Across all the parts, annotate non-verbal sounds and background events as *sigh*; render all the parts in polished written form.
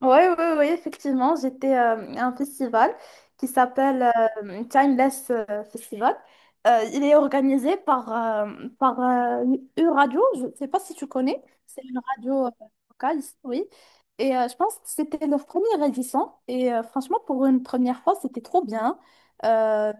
Oui, oui, oui, effectivement, j'étais à un festival qui s'appelle Timeless Festival. Il est organisé par, par une radio, je ne sais pas si tu connais, c'est une radio locale, ici, oui. Et je pense que c'était leur première édition. Et franchement, pour une première fois, c'était trop bien. Euh,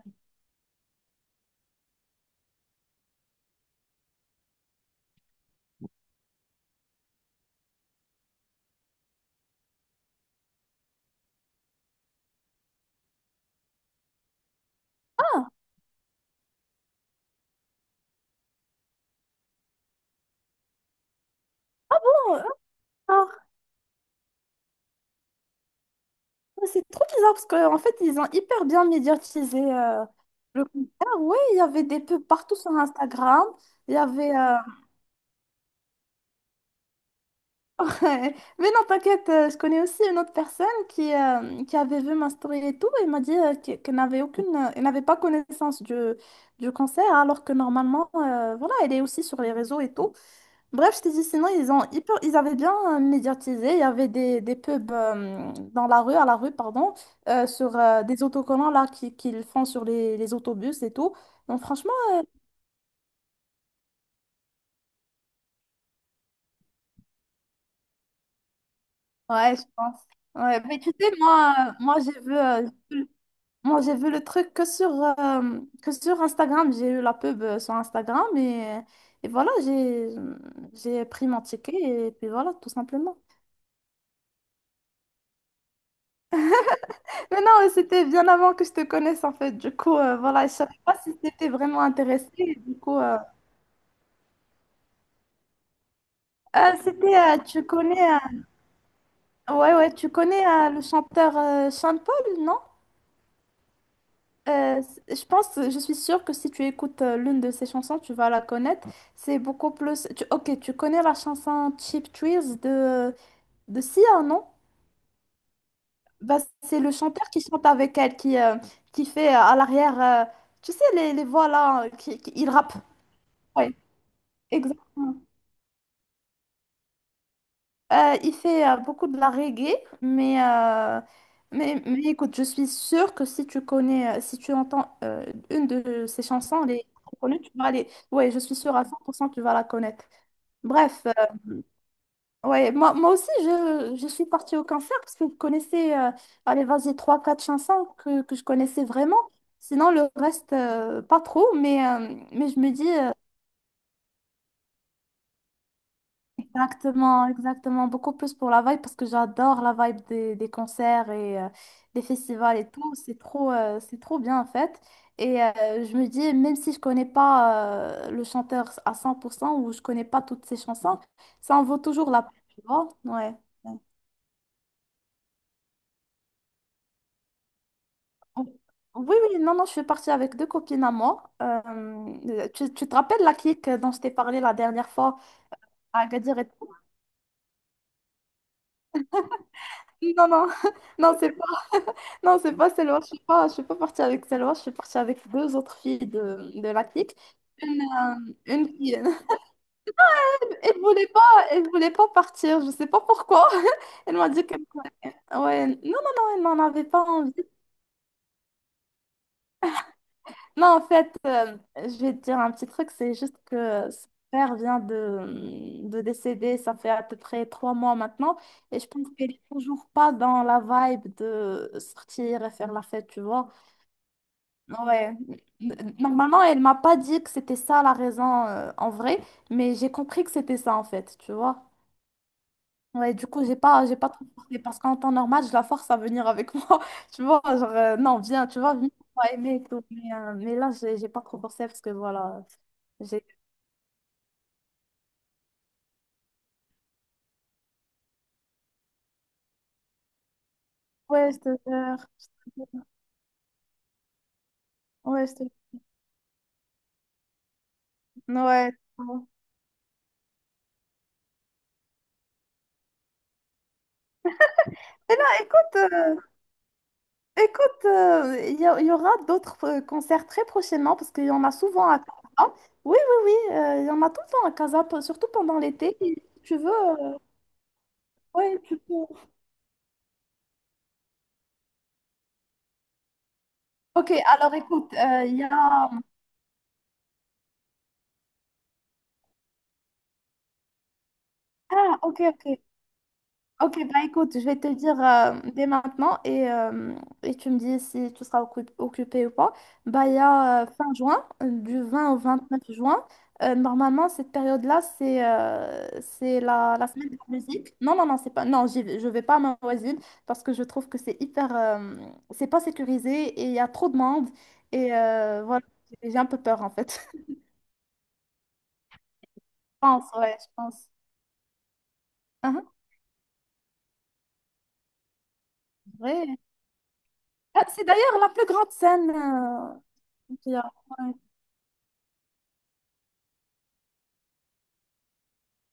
ah, ah, ah, c'est trop bizarre parce qu'en fait, ils ont hyper bien médiatisé le concert. Oui, il y avait des pubs partout sur Instagram. Il y avait. Ouais. Mais non, t'inquiète, je connais aussi une autre personne qui avait vu ma story et tout, et m'a dit qu'elle n'avait elle n'avait pas connaissance du cancer, alors que normalement, voilà, elle est aussi sur les réseaux et tout. Bref, je t'ai dit, sinon, ils avaient bien médiatisé, il y avait des pubs à la rue, pardon, sur des autocollants là qu'ils font sur les autobus et tout. Donc franchement, ouais, je pense. Ouais, mais tu sais, moi j'ai vu, j'ai vu le truc que sur Instagram. J'ai eu la pub sur Instagram et voilà, j'ai pris mon ticket et puis voilà, tout simplement. Mais non, mais c'était bien avant que je te connaisse en fait. Du coup, voilà, je savais pas si t'étais vraiment intéressée. Du coup, c'était, tu connais, ouais, ouais, tu connais le chanteur Sean Paul, non? Euh, je pense, je suis sûre que si tu écoutes l'une de ces chansons, tu vas la connaître. C'est beaucoup plus. Tu- Ok, tu connais la chanson Cheap Thrills de Sia, non? Bah, c'est le chanteur qui chante avec elle, qui fait à l'arrière, tu sais, les voix là, il rappe. Ouais, exactement. Il fait beaucoup de la reggae, mais, euh, mais écoute, je suis sûre que si tu connais, si tu entends une de ses chansons, les connues, tu vas aller. Ouais, je suis sûre à 100% que tu vas la connaître. Bref, ouais, moi aussi, je suis partie au concert parce que je connaissais, allez, vas-y, trois, quatre chansons que je connaissais vraiment. Sinon, le reste, pas trop, mais je me dis. Exactement, exactement. Beaucoup plus pour la vibe parce que j'adore la vibe des concerts et des festivals et tout. C'est trop bien en fait. Et je me dis, même si je connais pas le chanteur à 100% ou je connais pas toutes ses chansons, ça en vaut toujours la peine, tu vois? Ouais. Ouais. Oui, oui, non, non, je suis partie avec deux copines à moi. Tu te rappelles la clique dont je t'ai parlé la dernière fois à Agadir et tout? Non, non, *laughs* non, c'est non, c'est pas Selwa, je suis pas partie avec Selwa, je suis partie avec deux autres filles de la clique. Une qui, *laughs* elle voulait pas, elle voulait pas partir, je sais pas pourquoi. *laughs* Elle m'a dit que, ouais, non, non, non, elle n'en avait pas envie. Non, en fait, je vais te dire un petit truc, c'est juste que son père vient de décéder, ça fait à peu près 3 mois maintenant, et je pense qu'elle est toujours pas dans la vibe de sortir et faire la fête, tu vois. Ouais. N- Normalement, elle m'a pas dit que c'était ça la raison en vrai, mais j'ai compris que c'était ça en fait, tu vois. Ouais, du coup, j'ai pas trop forcé parce qu'en temps normal, je la force à venir avec *laughs* moi, tu vois. Genre, non, viens, tu vois, viens, on va aimer et tout. Mais là, j'ai pas trop forcé parce que voilà, j'ai. Ouais, je te jure. Je te- Ouais, je te Ouais. Ouais. Mais là, écoute. Écoute, il y aura d'autres concerts très prochainement parce qu'il y en a souvent à Casa. Oui, oui, oui, il y en a tout le temps à Casa, surtout pendant l'été. Et si tu veux, ouais, tu peux. Ok, alors écoute, il y a. Ah, ok, ok. Ok, bah écoute, je vais te dire dès maintenant et tu me dis si tu seras occupé ou pas. Bah, il y a fin juin, du 20 au 29 juin. Normalement, cette période-là, c'est la semaine de la musique. Non, non, non, c'est pas. Non, je vais pas à ma voisine parce que je trouve que c'est hyper. C'est pas sécurisé et il y a trop de monde. Et voilà, j'ai un peu peur en fait. *laughs* Je pense, ouais, je pense. Uhum, ouais. Ah, c'est d'ailleurs la plus grande scène qu'il y a. Ouais.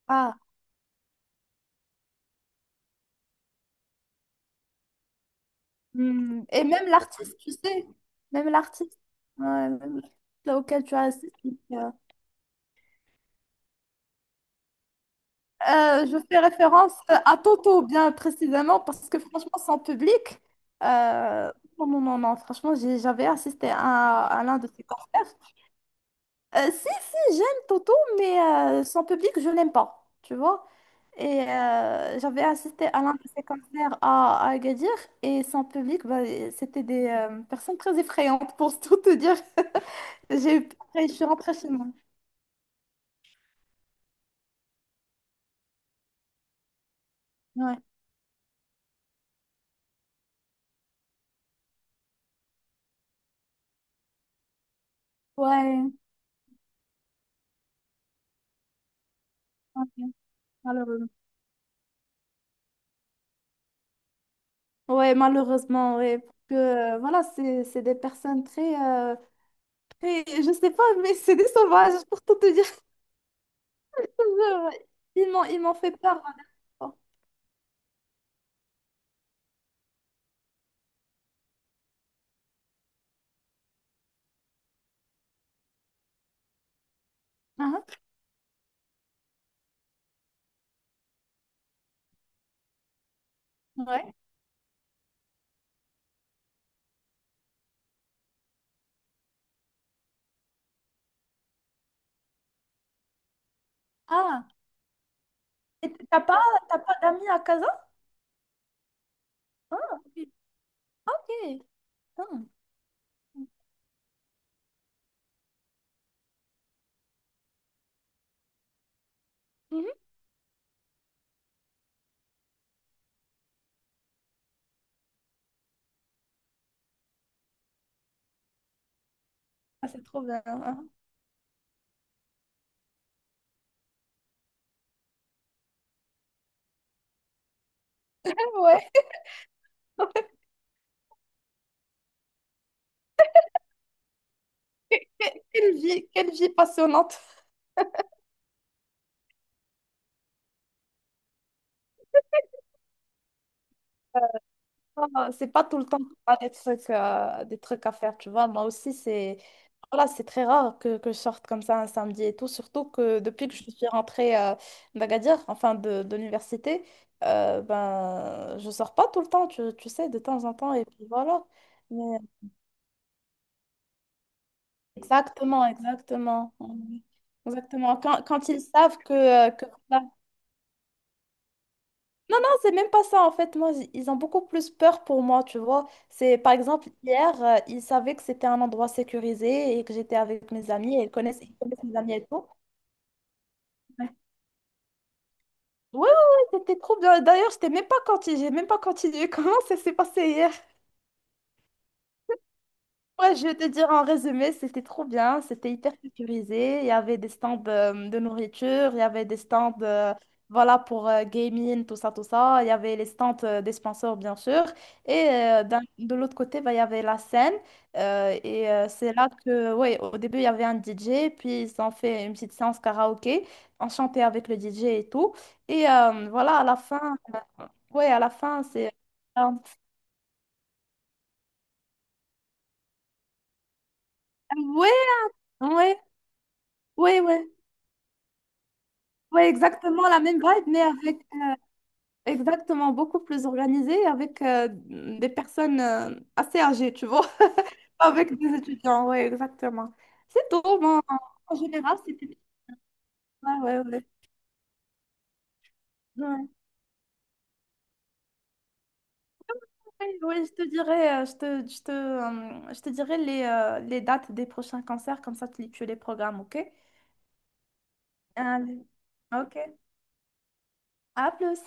Ah. Hmm. Et même l'artiste, tu sais, même l'artiste, ouais, même l'artiste là auquel tu as assisté. euh, je fais référence à Toto, bien précisément, parce que franchement, sans public, euh, non, non, non, non, franchement, j'avais assisté à l'un de ses concerts. Si, si, j'aime Toto, mais sans public, je l'aime pas, tu vois. Et j'avais assisté à l'un de ses concerts à Agadir, et sans public, bah, c'était des personnes très effrayantes, pour tout te dire. *laughs* J'ai eu pareil, je suis rentrée chez moi. Ouais. Ouais. Ouais, malheureusement. Ouais, malheureusement, ouais. Parce que, voilà, c'est des personnes très, très. Je sais pas, mais c'est des sauvages, pour tout te dire. *laughs* Je- ouais. Ils m'ont fait peur la dernière fois. Ah, ah. Ouais. Ah. Et t'as pas d'amis à Casa? Ah, ok. Ok. Ah. Mhm. Ah, c'est trop bien. Ah, ouais. *laughs* Quelle vie passionnante. Pas, C'est pas tout le temps que t'as des trucs à faire, tu vois. Moi aussi, c'est voilà, c'est très rare que je sorte comme ça un samedi et tout. Surtout que depuis que je suis rentrée d'Agadir, enfin de l'université, ben, je sors pas tout le temps, tu sais, de temps en temps. Et puis voilà. Mais- Exactement, exactement. Ouais. Exactement. Quand ils savent que c'est même pas ça en fait, ils ont beaucoup plus peur pour moi, tu vois. C'est par exemple hier, ils savaient que c'était un endroit sécurisé et que j'étais avec mes amis et ils connaissent mes amis et tout. Ouais, ouais, ouais, c'était trop bien. D'ailleurs, j'étais même pas continué, j'ai même pas continué. *laughs* Comment ça s'est passé hier? Ouais, je vais te dire en résumé, c'était trop bien, c'était hyper sécurisé. Il y avait des stands de nourriture, il y avait des stands voilà, pour gaming, tout ça, tout ça. Il y avait les stands des sponsors, bien sûr. Et de l'autre côté, bah, il y avait la scène. C'est là que, ouais, au début, il y avait un DJ, puis ils ont fait une petite séance karaoké, on chantait avec le DJ et tout. Et voilà, à la fin, ouais, à la fin, c'est... euh, ouais, ouais, ouais, ouais. Oui, exactement la même vibe, mais avec exactement beaucoup plus organisé, avec des personnes assez âgées, tu vois, *laughs* avec des étudiants, oui, exactement. C'est tout, moi, en général, c'était... Ouais, ouais, ouais. Ouais. Oui, je te dirai, je te dirai les dates des prochains concerts, comme ça tu les programmes, ok? Allez. Ok, à plus.